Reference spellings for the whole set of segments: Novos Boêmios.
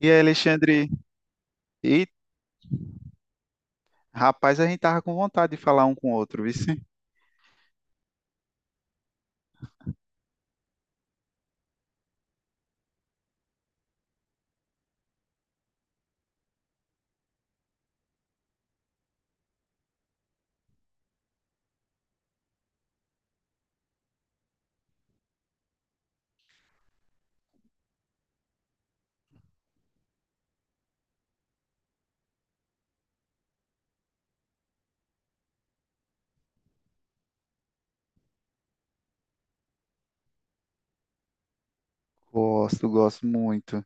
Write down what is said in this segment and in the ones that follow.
E aí, Alexandre? E rapaz, a gente tava com vontade de falar um com o outro, viu? Gosto, gosto muito.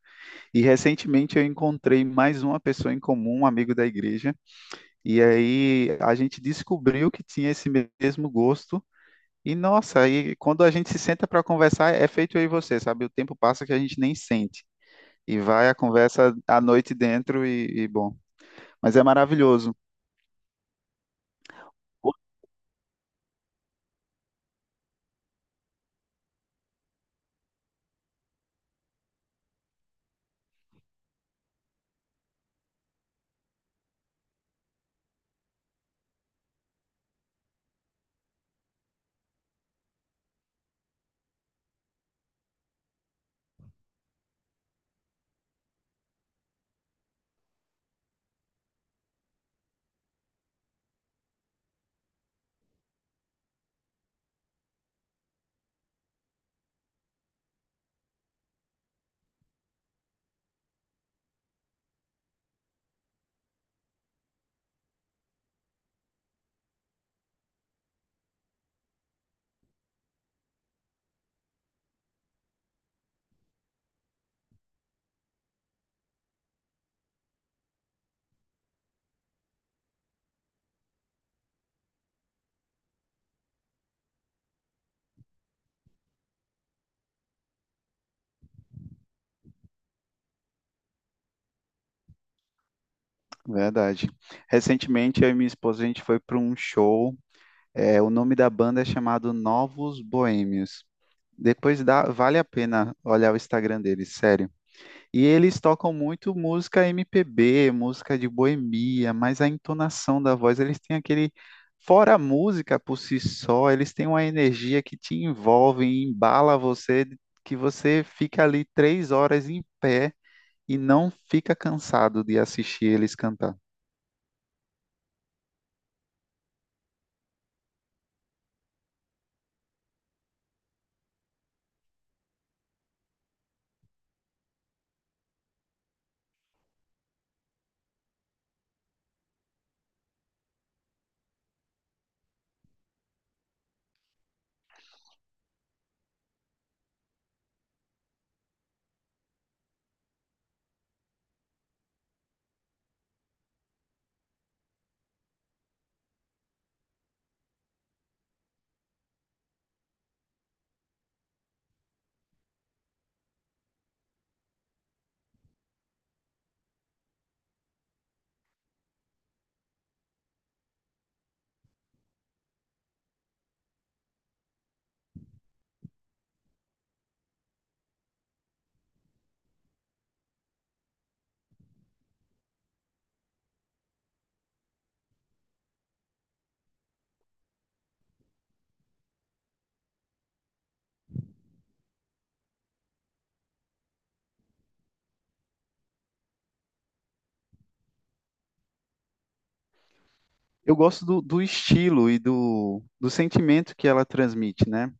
E recentemente eu encontrei mais uma pessoa em comum, um amigo da igreja, e aí a gente descobriu que tinha esse mesmo gosto. E nossa, aí quando a gente se senta para conversar, é feito eu e você, sabe? O tempo passa que a gente nem sente. E vai a conversa à noite dentro e bom. Mas é maravilhoso. Verdade. Recentemente, eu e minha esposa, a gente foi para um show. É, o nome da banda é chamado Novos Boêmios. Depois dá, vale a pena olhar o Instagram deles, sério. E eles tocam muito música MPB, música de boemia, mas a entonação da voz, eles têm aquele. Fora a música por si só, eles têm uma energia que te envolve e embala você, que você fica ali 3 horas em pé e não fica cansado de assistir eles cantar. Eu gosto do estilo e do sentimento que ela transmite, né?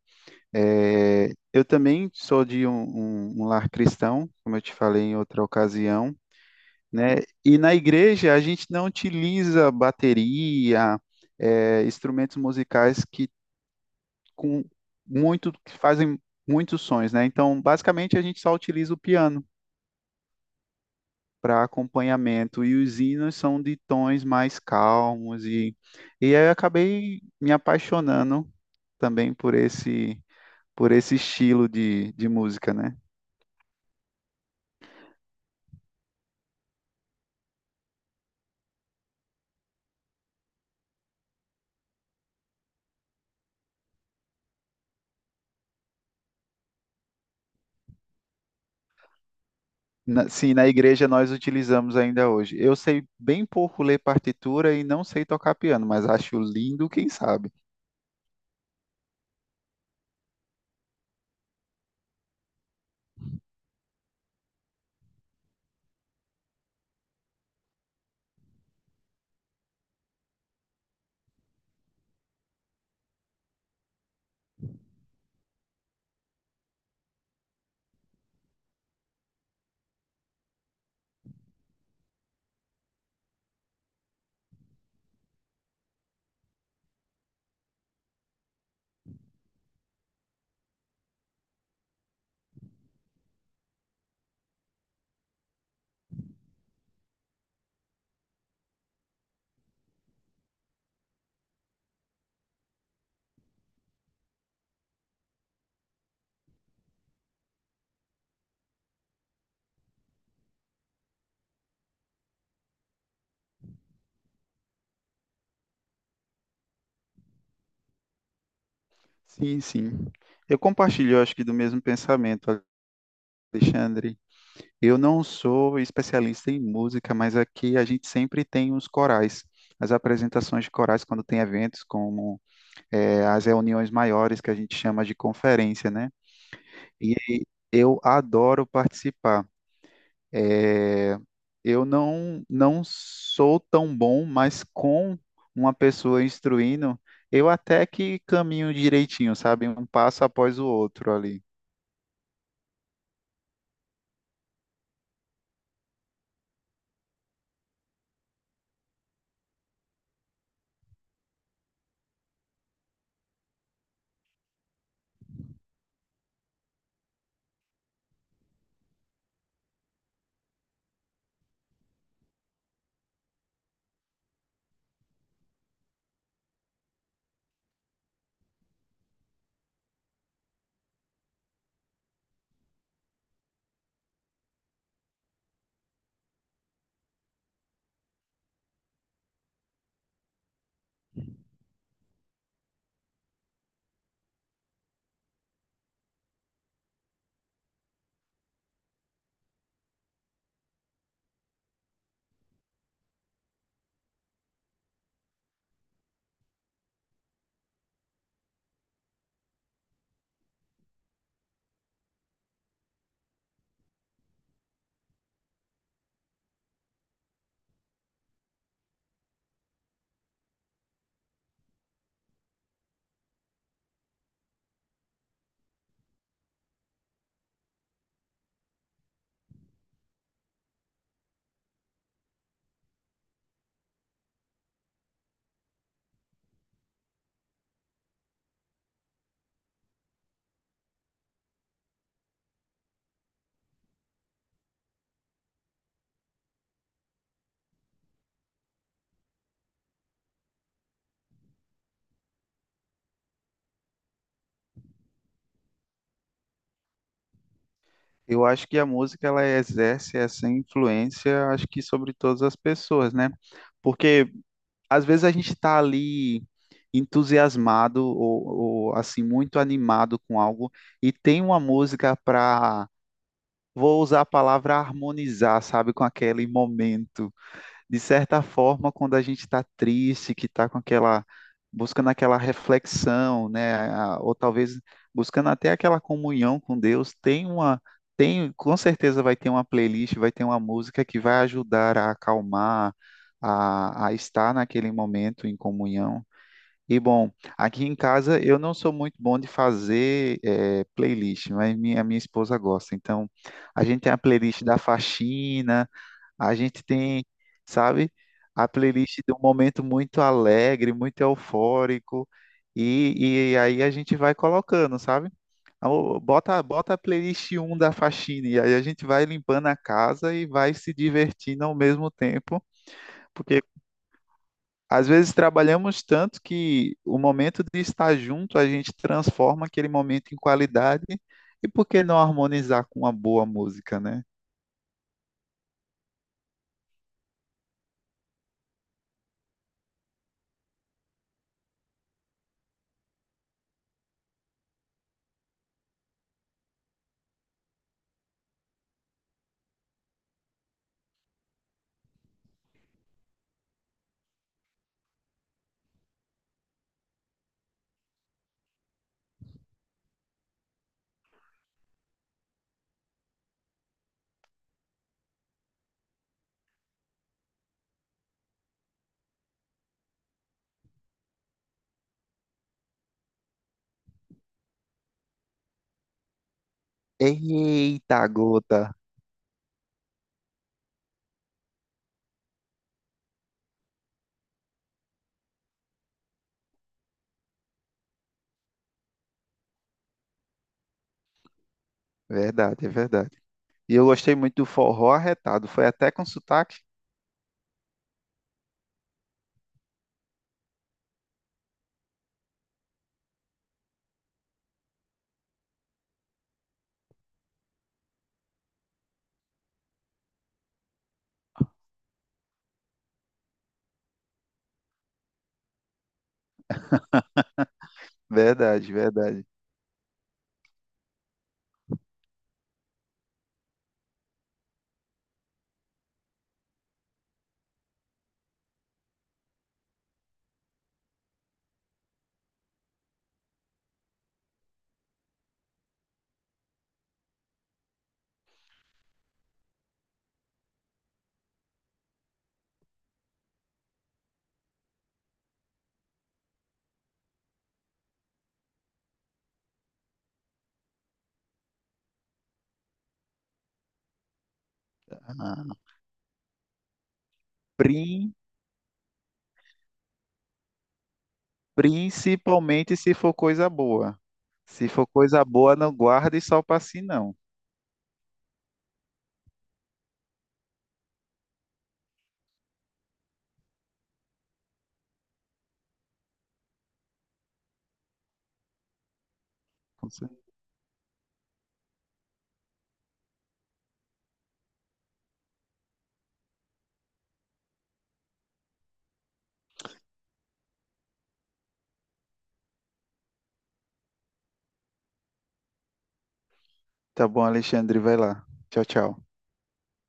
É, eu também sou de um lar cristão, como eu te falei em outra ocasião, né? E na igreja a gente não utiliza bateria, é, instrumentos musicais que com muito que fazem muitos sons, né? Então, basicamente a gente só utiliza o piano para acompanhamento e os hinos são de tons mais calmos e aí eu acabei me apaixonando também por esse estilo de música, né? Sim, na igreja nós utilizamos ainda hoje. Eu sei bem pouco ler partitura e não sei tocar piano, mas acho lindo, quem sabe? Sim, sim. Eu compartilho, eu acho que, do mesmo pensamento, Alexandre. Eu não sou especialista em música, mas aqui a gente sempre tem os corais, as apresentações de corais quando tem eventos, como as reuniões maiores que a gente chama de conferência, né? E eu adoro participar. É, eu não sou tão bom, mas com uma pessoa instruindo, eu até que caminho direitinho, sabe? Um passo após o outro ali. Eu acho que a música ela exerce essa influência, acho que sobre todas as pessoas, né? Porque às vezes a gente está ali entusiasmado ou assim muito animado com algo e tem uma música para, vou usar a palavra harmonizar, sabe, com aquele momento. De certa forma, quando a gente está triste, que está com aquela, buscando aquela reflexão, né, ou talvez buscando até aquela comunhão com Deus, tem uma, tem, com certeza vai ter uma playlist, vai ter uma música que vai ajudar a acalmar, a estar naquele momento em comunhão. E bom, aqui em casa eu não sou muito bom de fazer playlist, mas minha esposa gosta. Então, a gente tem a playlist da faxina, a gente tem, sabe, a playlist de um momento muito alegre, muito eufórico, e aí a gente vai colocando, sabe? Ah, ô, Bota, bota a playlist um da faxina, e aí a gente vai limpando a casa e vai se divertindo ao mesmo tempo, porque às vezes trabalhamos tanto que o momento de estar junto a gente transforma aquele momento em qualidade, e por que não harmonizar com uma boa música, né? Eita gota! Verdade, é verdade. E eu gostei muito do forró arretado. Foi até com sotaque. Verdade, verdade. Ah, prin- Principalmente se for coisa boa. Se for coisa boa, não guarde só pra si, não. Tá bom, Alexandre, vai lá. Tchau, tchau.